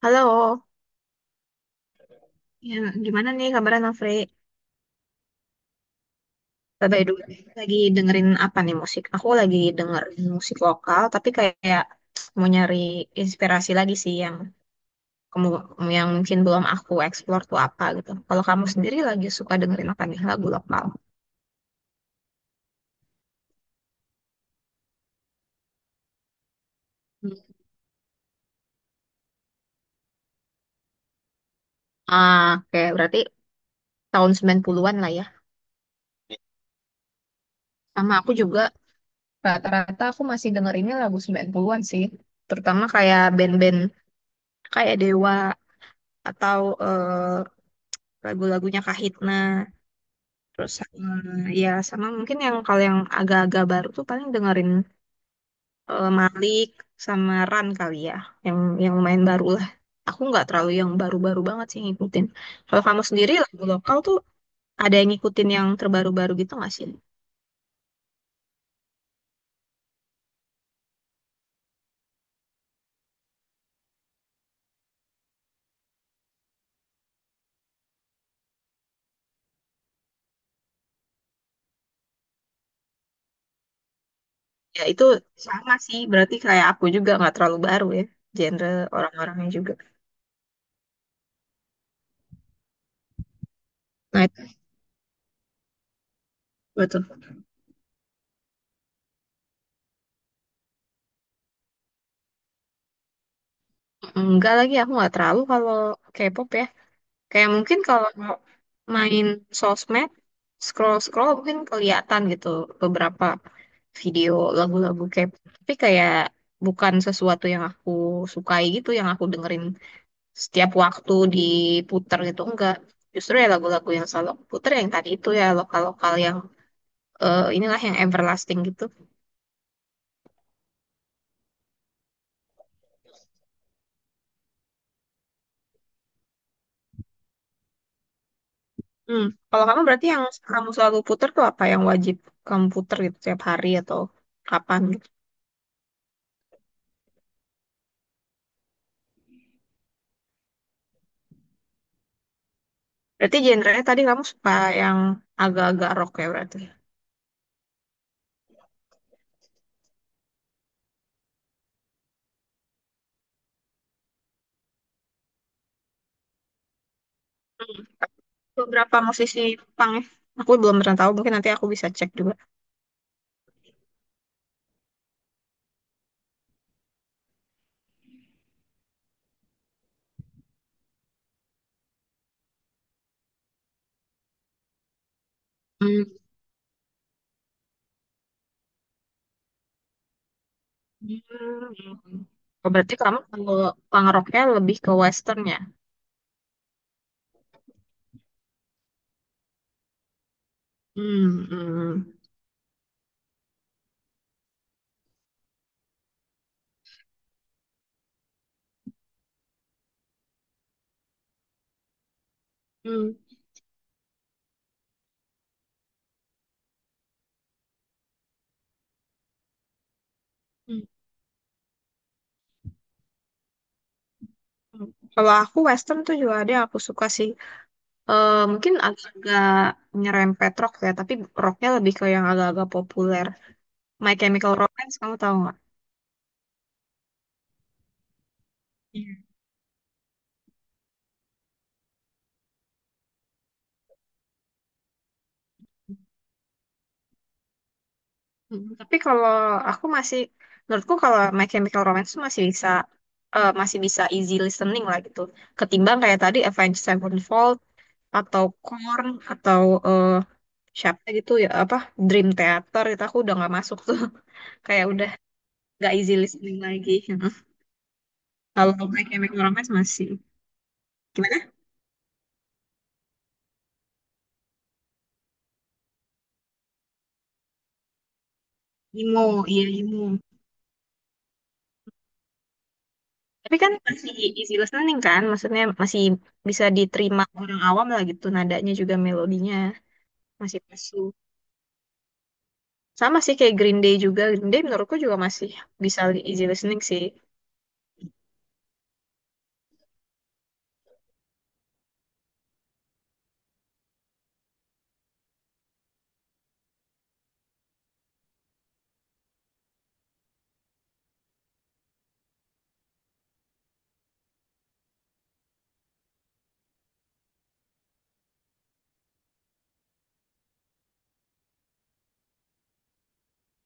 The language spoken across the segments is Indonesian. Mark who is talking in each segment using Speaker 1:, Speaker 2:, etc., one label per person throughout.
Speaker 1: Halo, ya, gimana nih kabarnya Nafri? Bye dulu. Lagi dengerin apa nih musik? Aku lagi dengerin musik lokal, tapi kayak mau nyari inspirasi lagi sih yang kamu yang mungkin belum aku explore tuh apa gitu. Kalau kamu sendiri lagi suka dengerin apa nih lagu lokal? Hmm. Ah, oke, berarti tahun 90-an lah ya. Sama aku juga rata-rata aku masih dengerinnya lagu 90-an sih. Terutama kayak band-band kayak Dewa atau lagu-lagunya Kahitna. Terus sama, ya sama mungkin yang kalau yang agak-agak baru tuh paling dengerin Malik sama Ran kali ya, yang yang lumayan baru lah. Aku nggak terlalu yang baru-baru banget sih ngikutin. Kalau kamu sendiri lagu lokal tuh ada yang ngikutin yang terbaru-baru gitu nggak sih? Ya itu sama sih, berarti kayak aku juga nggak terlalu baru ya, genre orang-orangnya juga. Nah itu betul. Enggak, lagi aku nggak terlalu kalau K-pop ya. Kayak mungkin kalau main sosmed, scroll-scroll mungkin kelihatan gitu beberapa video lagu-lagu K-pop. Tapi kayak bukan sesuatu yang aku sukai gitu, yang aku dengerin setiap waktu diputer gitu. Enggak. Justru ya lagu-lagu yang selalu aku puter yang tadi itu ya lokal-lokal yang inilah yang everlasting gitu. Hmm. Kalau kamu berarti yang kamu selalu puter tuh apa yang wajib kamu puter gitu tiap hari atau kapan? Berarti genre tadi kamu suka yang agak-agak rock ya berarti. Hmm. Beberapa musisi punk ya. Aku belum pernah tahu, mungkin nanti aku bisa cek juga. Hmm. Hmm. Oh, berarti kamu kalau punk rocknya lebih ke western ya? Hmm. Hmm. Hmm. Hmm. Kalau aku western tuh juga ada yang aku suka sih. Eh, mungkin agak nyerempet rock ya, tapi rocknya lebih ke yang agak-agak populer. My Chemical Romance, kamu tahu nggak? Hmm, tapi kalau aku masih, menurutku kalau My Chemical Romance tuh masih bisa, masih bisa easy listening lah gitu. Ketimbang kayak tadi Avenged Sevenfold atau Korn atau eh, siapa gitu ya apa Dream Theater itu aku udah nggak masuk tuh. Kayak udah nggak easy listening lagi. Kalau My Chemical Romance masih gimana? Emo, iya emo. Tapi kan masih easy listening kan, maksudnya masih bisa diterima orang awam lah gitu. Nadanya juga melodinya masih pasu. Sama sih kayak Green Day juga. Green Day menurutku juga masih bisa li- easy listening sih.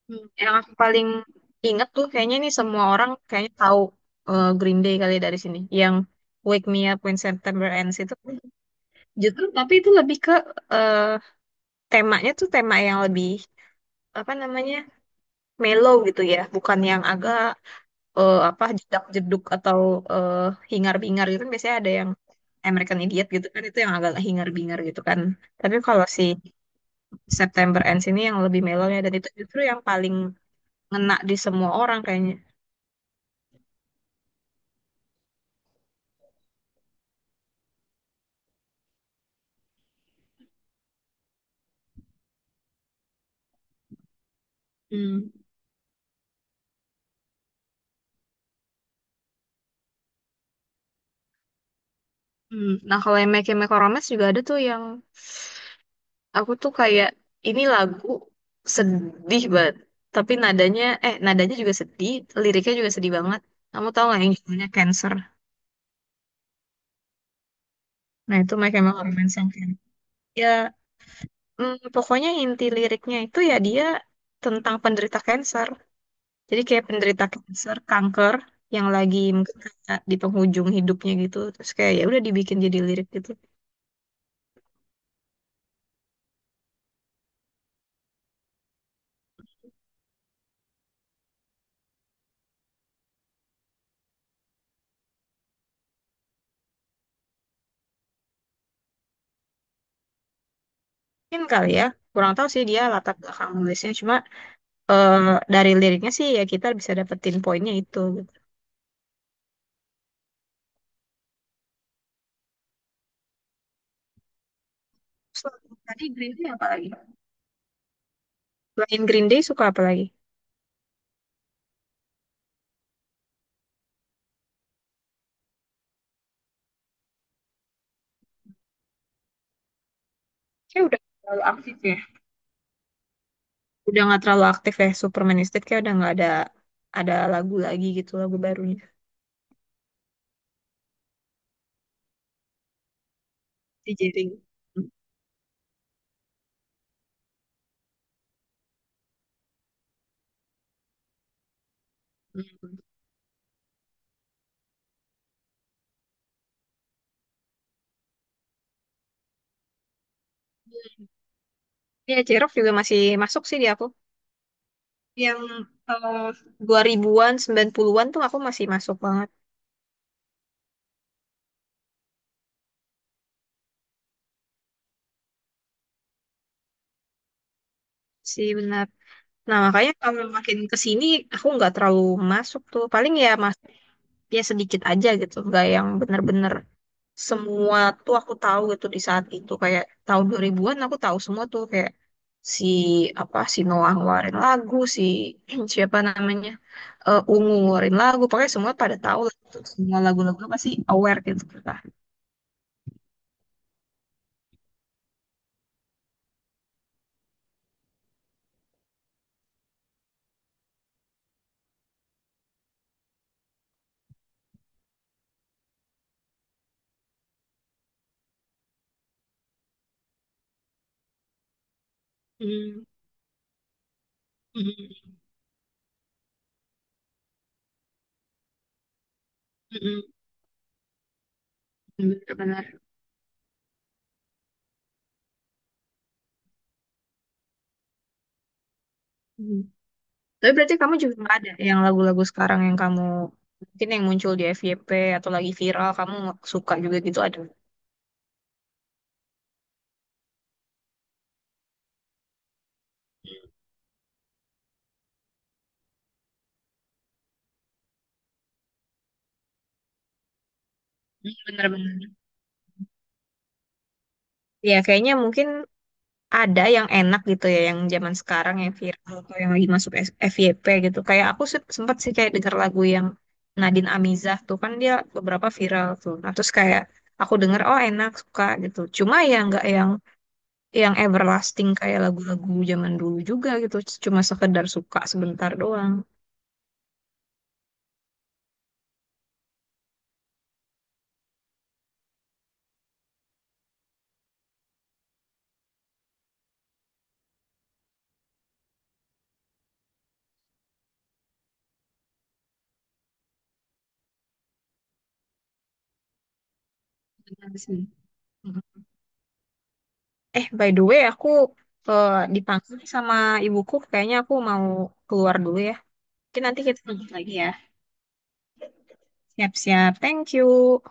Speaker 1: Hmm. Yang aku paling inget tuh kayaknya nih semua orang kayaknya tahu Green Day kali ya dari sini. Yang Wake Me Up When September Ends itu justru tapi itu lebih ke eh, temanya tuh tema yang lebih apa namanya mellow gitu ya, bukan yang agak apa jedak-jeduk atau eh, hingar-bingar gitu kan biasanya ada yang American Idiot gitu kan itu yang agak hingar-bingar gitu kan. Tapi kalau si September Ends ini yang lebih mellow ya dan itu justru yang paling ngena di semua orang kayaknya. Hmm. Hmm. Nah kalau yang Make Chemical Romance juga ada tuh yang aku tuh kayak ini lagu sedih banget tapi nadanya nadanya juga sedih liriknya juga sedih banget, kamu tahu nggak yang judulnya Cancer? Nah itu Make Chemical Romance yang Can- ya pokoknya inti liriknya itu ya dia tentang penderita kanker. Jadi kayak penderita kanker, kanker yang lagi mungkin kayak di penghujung hidupnya gitu. Terus kayak ya udah dibikin jadi lirik gitu. Mungkin kali ya. Kurang tahu sih dia latar belakang nulisnya. Cuma eh, dari liriknya sih ya kita bisa dapetin poinnya itu. Gitu. Terus tadi Green Day apa lagi? Selain Green Day suka apa lagi? Kayak udah nggak terlalu aktif ya. Udah nggak terlalu aktif ya. Supermanistic kayak udah nggak ada ada lagu lagi gitu lagu barunya. Di jaring. Hmm. Ya, J-Rock juga masih masuk sih di aku. Yang eh, dua ribuan sembilan puluhan an tuh aku masih masuk banget sih benar. Nah, makanya kalau makin ke sini aku nggak terlalu masuk tuh. Paling ya masuk ya sedikit aja gitu, nggak yang bener-bener semua tuh aku tahu gitu di saat itu. Kayak tahun 2000-an aku tahu semua tuh kayak si apa si Noah ngeluarin lagu, si siapa namanya Ungu ngeluarin lagu, pokoknya semua pada tahu lah. Gitu. Semua lagu-lagu pasti aware gitu. Kan. Hmm, mhm, mhm, mhm, benar-benar. Mhm. Tapi berarti kamu juga nggak ada yang lagu-lagu sekarang yang kamu mungkin yang muncul di FYP atau lagi viral kamu suka juga gitu ada? Hmm, benar-benar. Ya kayaknya mungkin ada yang enak gitu ya yang zaman sekarang yang viral atau yang lagi masuk S- FYP gitu kayak aku se- sempet sih kayak denger lagu yang Nadine Amizah tuh kan dia beberapa viral tuh nah terus kayak aku denger oh enak suka gitu cuma ya nggak yang yang everlasting kayak lagu-lagu zaman dulu juga gitu cuma sekedar suka sebentar doang. Benar sih. Mhm. Eh by the way aku dipanggil nih sama ibuku kayaknya aku mau keluar dulu ya, mungkin nanti kita lanjut lagi ya, siap-siap, thank you.